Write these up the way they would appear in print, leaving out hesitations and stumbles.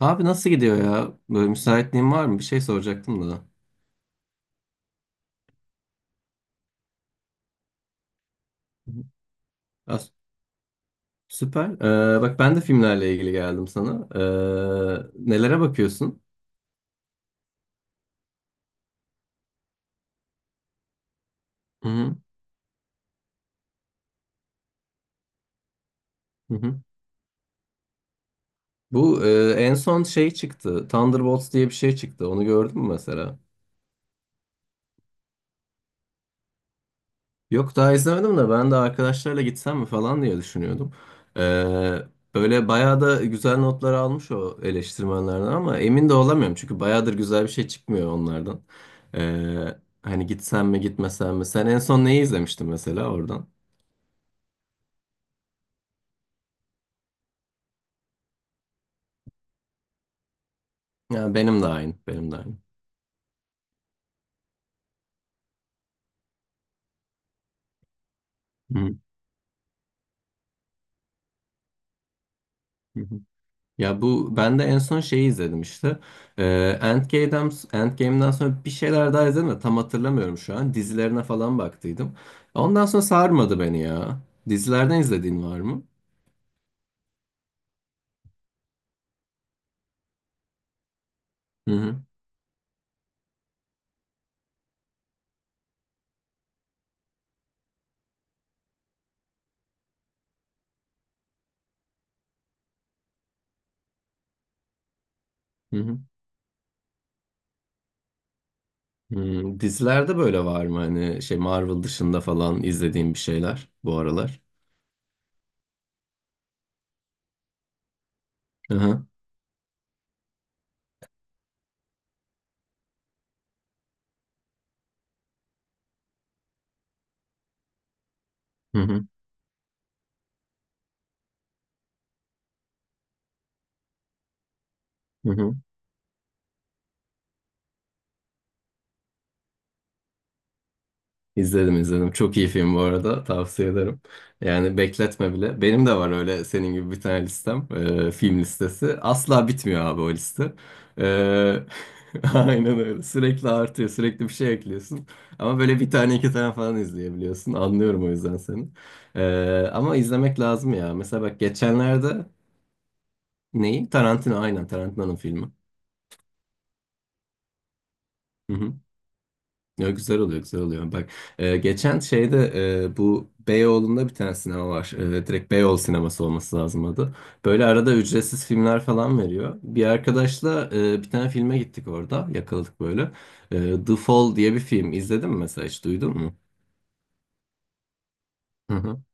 Abi nasıl gidiyor ya? Böyle müsaitliğin var mı? Bir şey soracaktım da. Ya, süper. Bak ben de filmlerle ilgili geldim sana. Nelere bakıyorsun? Hı hı. Hı hı. Bu en son şey çıktı. Thunderbolts diye bir şey çıktı. Onu gördün mü mesela? Yok daha izlemedim de ben de arkadaşlarla gitsem mi falan diye düşünüyordum. Ee, Böyle bayağı da güzel notlar almış o eleştirmenlerden, ama emin de olamıyorum. Çünkü bayağıdır güzel bir şey çıkmıyor onlardan. Ee, Hani gitsem mi gitmesem mi? Sen en son neyi izlemiştin mesela oradan? Ya benim de aynı, benim de aynı. Hı hı. Ya bu ben de en son şeyi izledim işte. Ee, Endgame'den sonra bir şeyler daha izledim de tam hatırlamıyorum şu an. Dizilerine falan baktıydım. Ondan sonra sarmadı beni ya. Dizilerden izlediğin var mı? Hı hı. Hı hı. Dizilerde böyle var mı hani şey, Marvel dışında falan izlediğin bir şeyler bu aralar? Hı hı. Hı hı. Hı hı. İzledim, izledim. Çok iyi film bu arada. Tavsiye ederim. Yani bekletme bile. Benim de var öyle senin gibi bir tane listem. Film listesi. Asla bitmiyor abi o liste. Ee, aynen öyle. Sürekli artıyor. Sürekli bir şey ekliyorsun. Ama böyle bir tane iki tane falan izleyebiliyorsun. Anlıyorum o yüzden seni. Ama izlemek lazım ya. Mesela bak, geçenlerde neyi? Tarantino, aynen, Tarantino'nun filmi. Ya güzel oluyor, güzel oluyor. Bak, geçen şeyde bu Beyoğlu'nda bir tane sinema var. Direkt Beyoğlu Sineması olması lazım adı. Böyle arada ücretsiz filmler falan veriyor. Bir arkadaşla bir tane filme gittik orada. Yakaladık böyle. The Fall diye bir film. İzledin mi mesela, hiç duydun mu?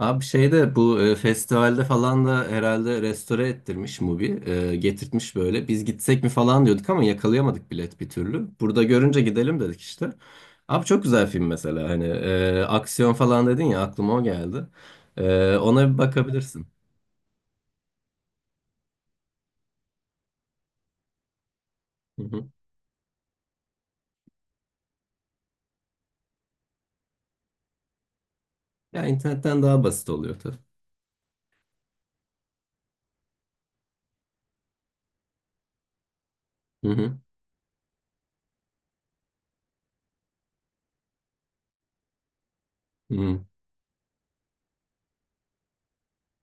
Abi şeyde, bu festivalde falan da herhalde, restore ettirmiş Mubi. Getirtmiş böyle. Biz gitsek mi falan diyorduk ama yakalayamadık bilet bir türlü. Burada görünce gidelim dedik işte. Abi çok güzel film mesela. Hani aksiyon falan dedin ya, aklıma o geldi. Ona bir bakabilirsin. Hı hı. Ya internetten daha basit oluyor tabii. Hı hı. Hı.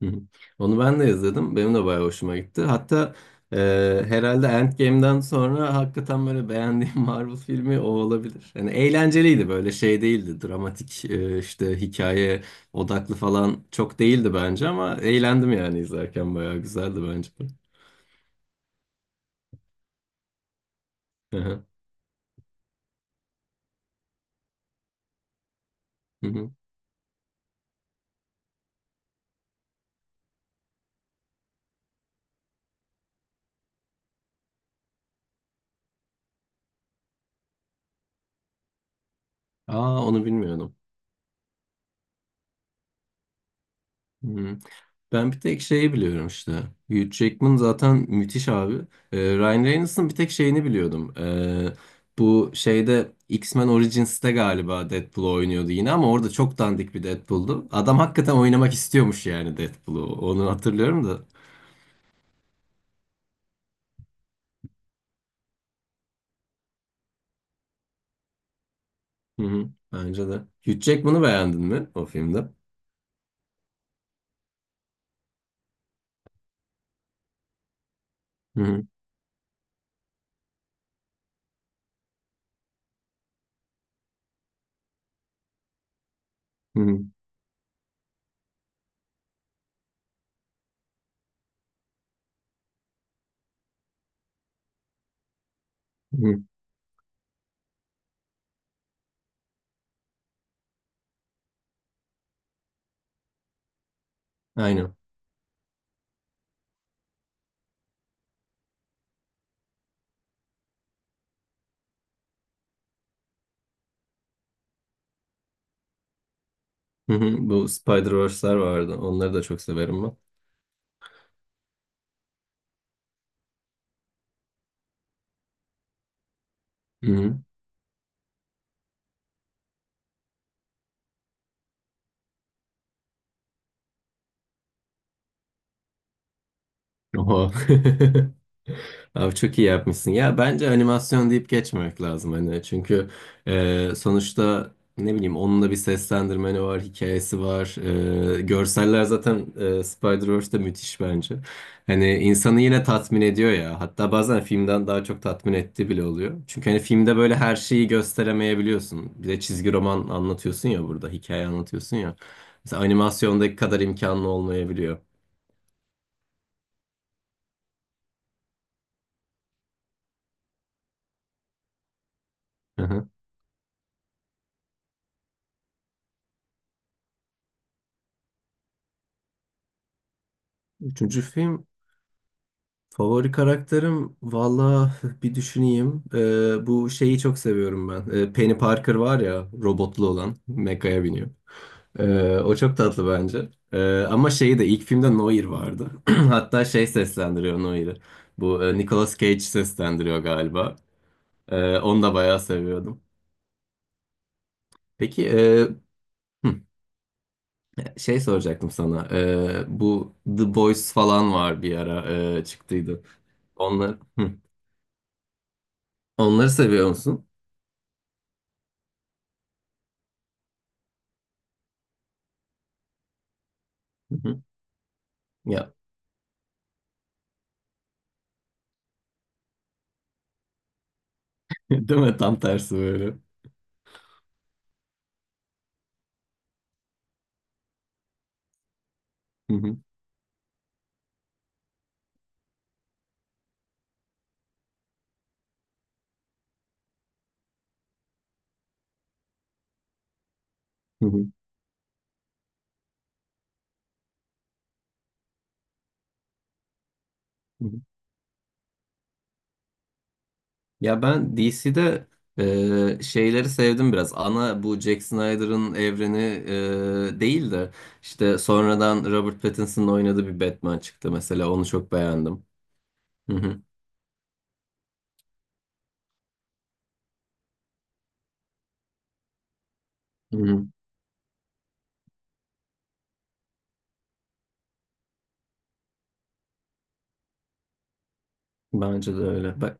Hı hı. Onu ben de izledim. Benim de bayağı hoşuma gitti. Hatta e, herhalde Endgame'den sonra hakikaten böyle beğendiğim Marvel filmi o olabilir. Yani eğlenceliydi, böyle şey değildi. Dramatik, işte hikaye odaklı falan çok değildi bence, ama eğlendim yani izlerken, bayağı güzeldi bence. Hı hı. Hı hı. Aa, onu bilmiyordum. Hmm. Ben bir tek şeyi biliyorum işte. Hugh Jackman zaten müthiş abi. Ryan Reynolds'ın bir tek şeyini biliyordum. Bu şeyde, X-Men Origins'te galiba Deadpool oynuyordu yine, ama orada çok dandik bir Deadpool'du. Adam hakikaten oynamak istiyormuş yani Deadpool'u. Onu hatırlıyorum da. Hı hı. Bence de. Hugh Jackman'ı beğendin mi o filmde? Hı hı. Hı hı. Hı hı. Aynen. Hı hı. Bu Spider-Verse'ler vardı. Onları da çok severim ben. Oha. Abi çok iyi yapmışsın. Ya bence animasyon deyip geçmemek lazım hani. Çünkü sonuçta, ne bileyim, onun da bir seslendirmeni var, hikayesi var. Görseller zaten Spider-Verse'de müthiş bence. Hani insanı yine tatmin ediyor ya. Hatta bazen filmden daha çok tatmin ettiği bile oluyor. Çünkü hani filmde böyle her şeyi gösteremeyebiliyorsun. Bir de çizgi roman anlatıyorsun ya burada, hikaye anlatıyorsun ya. Mesela animasyondaki kadar imkanlı olmayabiliyor. Hı hı. Üçüncü film Favori karakterim, valla bir düşüneyim. Bu şeyi çok seviyorum ben. Penny Parker var ya, robotlu olan, mekaya biniyor. O çok tatlı bence. Ama şeyi de, ilk filmde Noir vardı. Hatta şey seslendiriyor Noir'i. Bu Nicolas Cage seslendiriyor galiba. Onu da bayağı seviyordum. Peki hı, şey soracaktım sana. Bu The Boys falan var, bir ara çıktıydı. Onlar, hı. Onları seviyor musun? Hı hı. Ya, değil mi? Tam tersi böyle. Hı hı, hı hı, hı hı. Ya ben DC'de şeyleri sevdim biraz. Ana bu Jack Snyder'ın evreni değil de, işte sonradan Robert Pattinson'ın oynadığı bir Batman çıktı mesela. Onu çok beğendim. Hı hı, hı hı. Bence de öyle. Bak,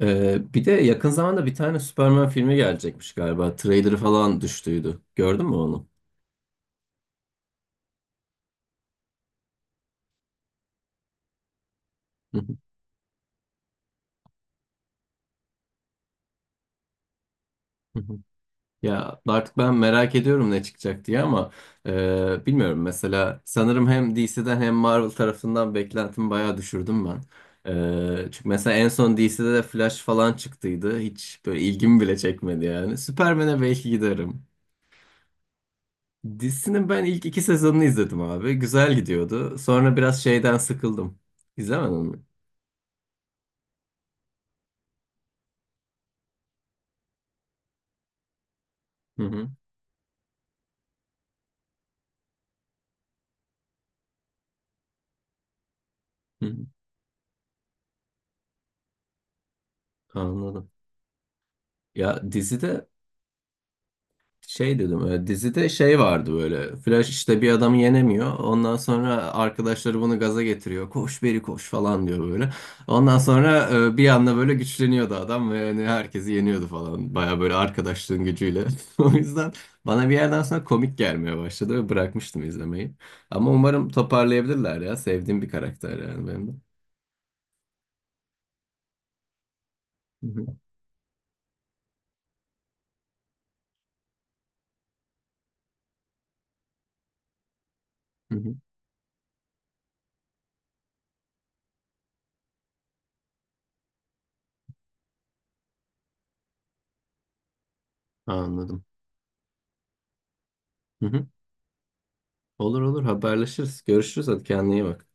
bir de yakın zamanda bir tane Superman filmi gelecekmiş galiba. Trailer'ı falan düştüydü. Gördün mü onu? Hı hı, hı hı. Ya artık ben merak ediyorum ne çıkacak diye, ama bilmiyorum, mesela sanırım hem DC'den hem Marvel tarafından beklentimi bayağı düşürdüm ben. Çünkü mesela en son DC'de de Flash falan çıktıydı. Hiç böyle ilgimi bile çekmedi yani. Superman'e belki giderim. Dizisinin ben ilk iki sezonunu izledim abi. Güzel gidiyordu. Sonra biraz şeyden sıkıldım. İzlemedin mi? Hı hı. Hı hı. Anladım. Ya dizide Şey dedim, dizide şey vardı, böyle Flash işte bir adamı yenemiyor, ondan sonra arkadaşları bunu gaza getiriyor, koş beri koş falan diyor, böyle ondan sonra bir anda böyle güçleniyordu adam ve yani herkesi yeniyordu falan, baya böyle arkadaşlığın gücüyle. O yüzden bana bir yerden sonra komik gelmeye başladı ve bırakmıştım izlemeyi, ama umarım toparlayabilirler ya, sevdiğim bir karakter yani benim de. Hı hı, hı hı. Anladım. Hı hı. Olur, olur, haberleşiriz, görüşürüz. Hadi kendine iyi bak.